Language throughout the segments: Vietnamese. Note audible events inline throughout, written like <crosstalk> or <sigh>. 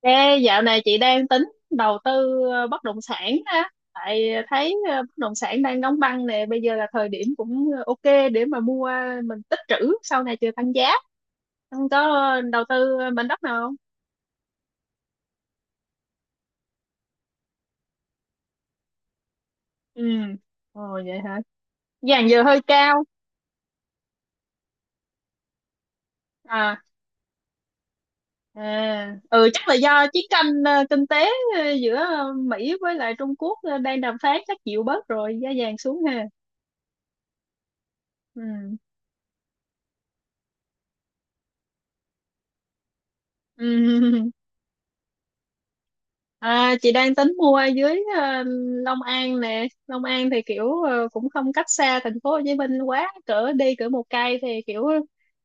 Ê, dạo này chị đang tính đầu tư bất động sản á, tại thấy bất động sản đang đóng băng nè, bây giờ là thời điểm cũng ok để mà mua, mình tích trữ sau này chờ tăng giá. Không có đầu tư mảnh đất nào không? Ừ, ồ vậy hả? Vàng giờ hơi cao. À, à, ừ chắc là do chiến tranh kinh tế giữa Mỹ với lại Trung Quốc đang đàm phán chắc chịu bớt rồi giá vàng xuống ha. Ừ, ừ. <laughs> À, chị đang tính mua ở dưới Long An nè. Long An thì kiểu cũng không cách xa thành phố Hồ Chí Minh quá, cỡ đi cỡ một cây thì kiểu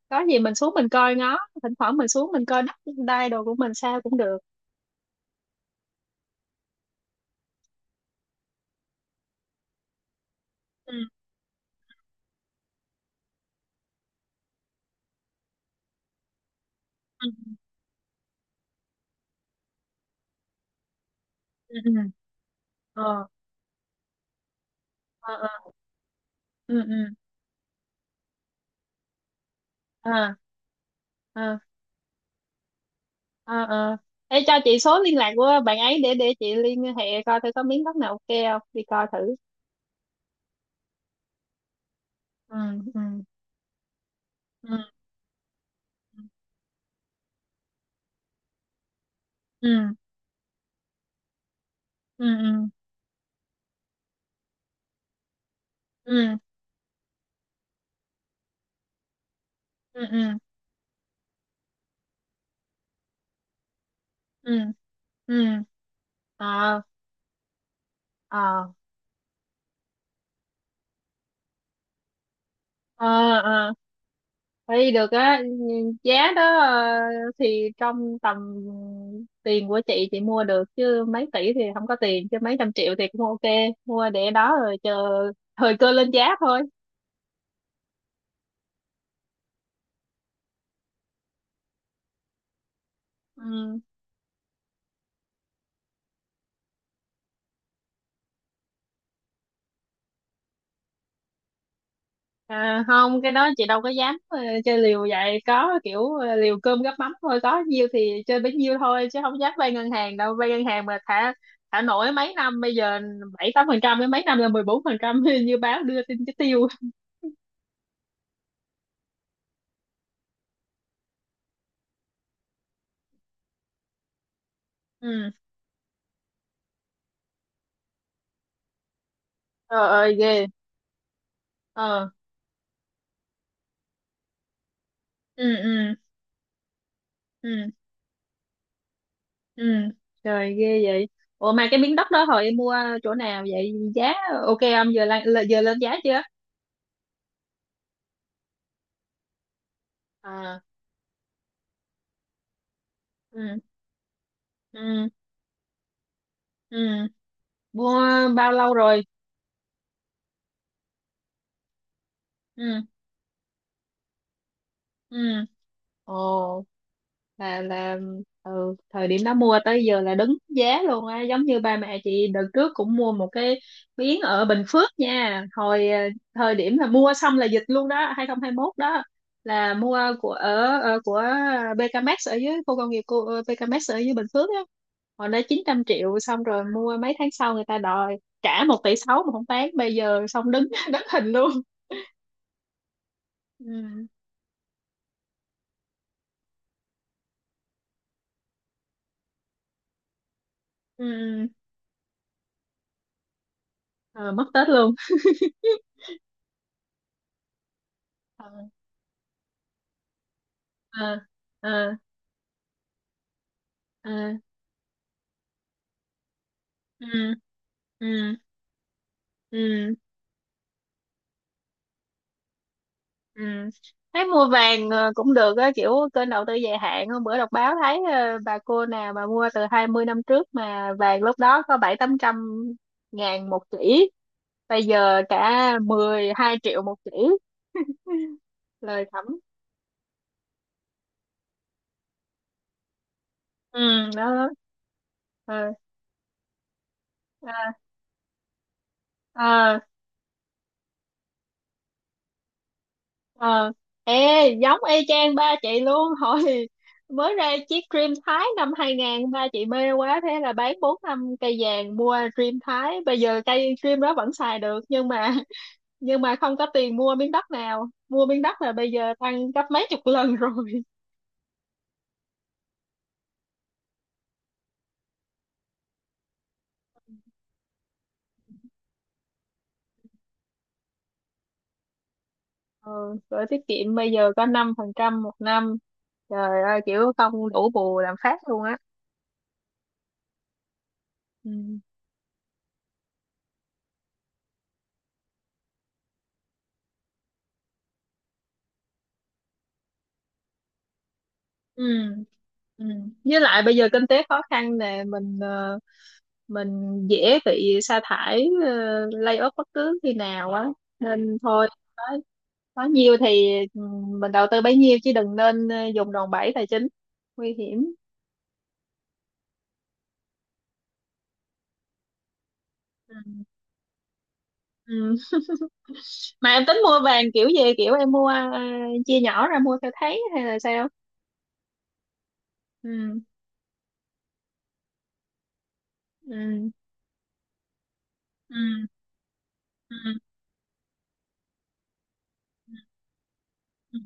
có gì mình xuống mình coi ngó, thỉnh thoảng mình xuống mình coi đất đai đồ của mình sao cũng được. Ừ ừ ừ ừ. Ờ ờ ờ ừ ừ. À à à à. Ê cho chị số liên lạc của bạn ấy để chị liên hệ coi thử có miếng đất nào ok không, đi coi thử. Ừ ừ ừ ừ ừ ừ ừ ừ ừ ừ. Ừ, à à à à, thấy được á, giá đó thì trong tầm tiền của chị mua được chứ mấy tỷ thì không có tiền, chứ mấy trăm triệu thì cũng ok, mua để đó rồi chờ thời cơ lên giá thôi. Ừ. À, không, cái đó chị đâu có dám chơi liều vậy, có kiểu liều cơm gắp mắm thôi, có nhiêu thì chơi bấy nhiêu thôi chứ không dám vay ngân hàng đâu, vay ngân hàng mà thả thả nổi mấy năm bây giờ bảy tám phần trăm, mấy năm là 14% <laughs> như báo đưa tin chứ tiêu. Ừ, trời ơi ghê. Ờ. Ừ ừ ừ ừ, trời ghê vậy. Ủa mà cái miếng đất đó hồi em mua chỗ nào vậy, giá ok không, giờ lên giá chưa? À, ừ ừ ừ, mua bao lâu rồi? Ừ ừ. Ồ, là ừ, thời điểm đó mua tới giờ là đứng giá luôn á, giống như ba mẹ chị đợt trước cũng mua một cái miếng ở Bình Phước nha. Thời điểm là mua xong là dịch luôn đó, 2021 đó, là mua của BKMX ở dưới khu công nghiệp của BKMX ở dưới Bình Phước á. Hồi đó 900 triệu, xong rồi mua mấy tháng sau người ta đòi trả 1,6 tỷ mà không bán, bây giờ xong đứng <laughs> đứng hình luôn. Ừ. Ừ. Ừ. Ờ, mất Tết luôn. Ờ. Ờ. Ờ. Ừ ừ ừ ừ ừ, thấy mua vàng cũng được á, kiểu kênh đầu tư dài hạn, hôm bữa đọc báo thấy bà cô nào mà mua từ 20 năm trước mà vàng lúc đó có bảy tám trăm ngàn một chỉ, bây giờ cả 12 triệu một chỉ, lời thẩm. Ừ, đó. Ừ. Ờ, ờ. Ờ, ê giống y chang ba chị luôn <laughs> hồi mới ra chiếc Dream Thái năm 2000, ba chị mê quá thế là bán bốn năm cây vàng mua Dream Thái, bây giờ cây Dream đó vẫn xài được nhưng mà <laughs> nhưng mà không có tiền mua miếng đất nào, mua miếng đất là bây giờ tăng gấp mấy chục lần <laughs> rồi. Ừ, gửi tiết kiệm bây giờ có 5% một năm, trời ơi kiểu không đủ bù làm phát luôn á. Ừ. Ừ. Ừ. Với lại bây giờ kinh tế khó khăn nè, mình dễ bị sa thải lay off bất cứ khi nào á, nên thôi, nói nói nhiều thì ừ, mình đầu tư bấy nhiêu chứ đừng nên dùng đòn bẩy tài chính nguy hiểm. Ừ. Ừ. Mà em tính mua vàng kiểu gì, kiểu em mua chia nhỏ ra mua theo tháng hay là sao? Ừ. Ừ. Ừ. Ừ. Ừ.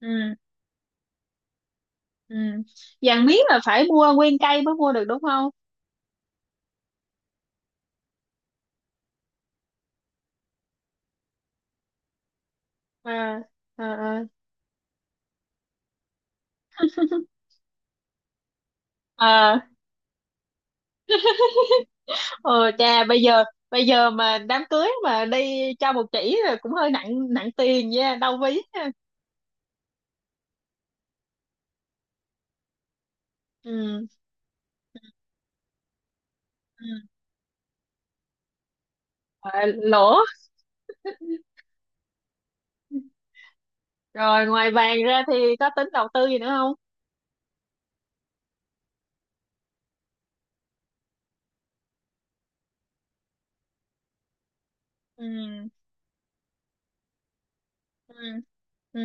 Ừ. Ừ. Vàng miếng là phải mua nguyên cây mới mua được đúng không? À à à. Ờ cha, bây giờ mà đám cưới mà đi cho một chỉ là cũng hơi nặng nặng tiền nha, đau ví ha. Ừ. Ừ. Ờ, lỗ. Rồi ngoài vàng ra thì có tính đầu tư gì nữa không? Ừ ừ ừ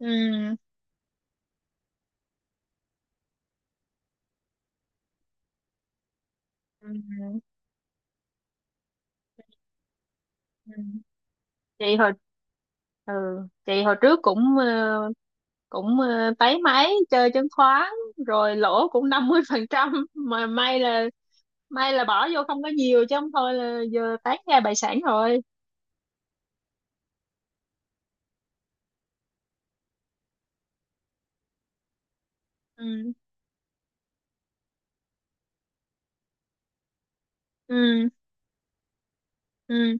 ừ. Ừ. Ừ. Chị hồi ừ, chị hồi trước cũng ờ, táy máy chơi chứng khoán rồi lỗ cũng 50%, mà may là bỏ vô không có nhiều chứ không thôi là giờ tán ra bại sản rồi. Ừ. Ừ ừ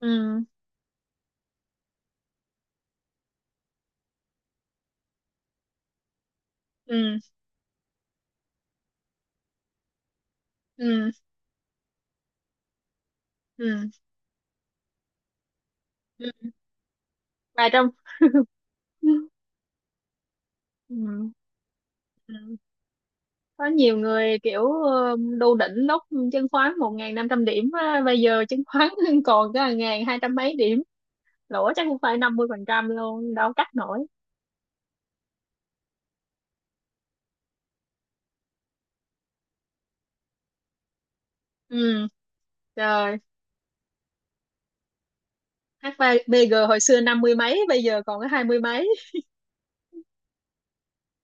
ừ ừ ừ ừ ừ. Mà trong <laughs> ừ, ừ. Có nhiều người kiểu đu đỉnh lúc chứng khoán 1.500 điểm á, bây giờ chứng khoán <laughs> còn có 1.200 mấy điểm, lỗ chắc cũng phải 50% luôn, đâu cắt nổi. Ừ, trời, HVG hồi xưa năm mươi mấy bây giờ còn có hai mươi mấy.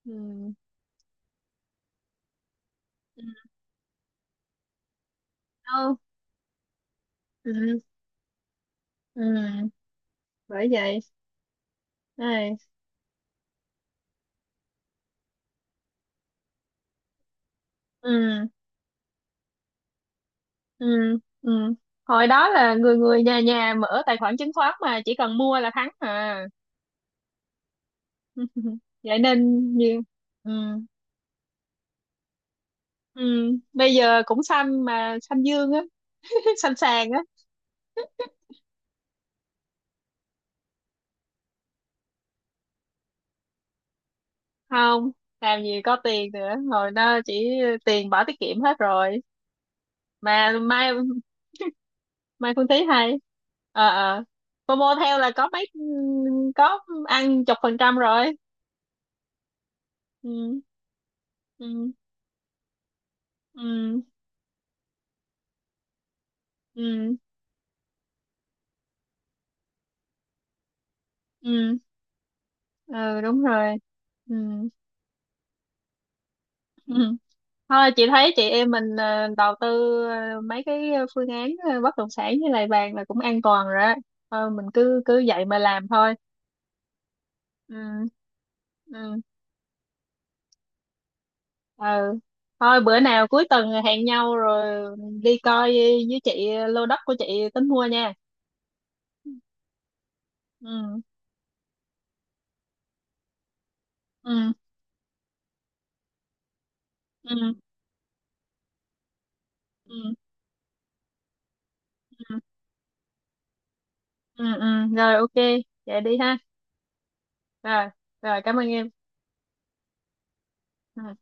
Ừ ừ. Đâu. Ừ ừ, bởi vậy. Đây. Ừ ừ ừ, hồi đó là người người nhà nhà mở tài khoản chứng khoán mà chỉ cần mua là thắng à. <laughs> Vậy nên nhiều. Ừ ừ. Bây giờ cũng xanh mà xanh dương á. <laughs> Xanh sàn á. Không, làm gì có tiền nữa, hồi đó chỉ tiền bỏ tiết kiệm hết rồi. Mà mai mai Phương Thí hay ờ ờ cô mua theo là có mấy ừ, có ăn chục phần trăm rồi. Ừ ừ ừ ừ ừ ừ, đúng rồi. Ừ. Ừ. Thôi chị thấy chị em mình đầu tư mấy cái phương án bất động sản với lại vàng là cũng an toàn rồi á. Thôi mình cứ cứ vậy mà làm thôi. Ừ. Ừ. Ừ. Thôi bữa nào cuối tuần hẹn nhau rồi đi coi với chị lô đất của chị tính mua nha. Ừ. Ừ. Ừ. Ừ. Ừ. Ừ. Ừ. Rồi ok. Vậy đi ha. Rồi. Rồi cảm ơn em. Ừ.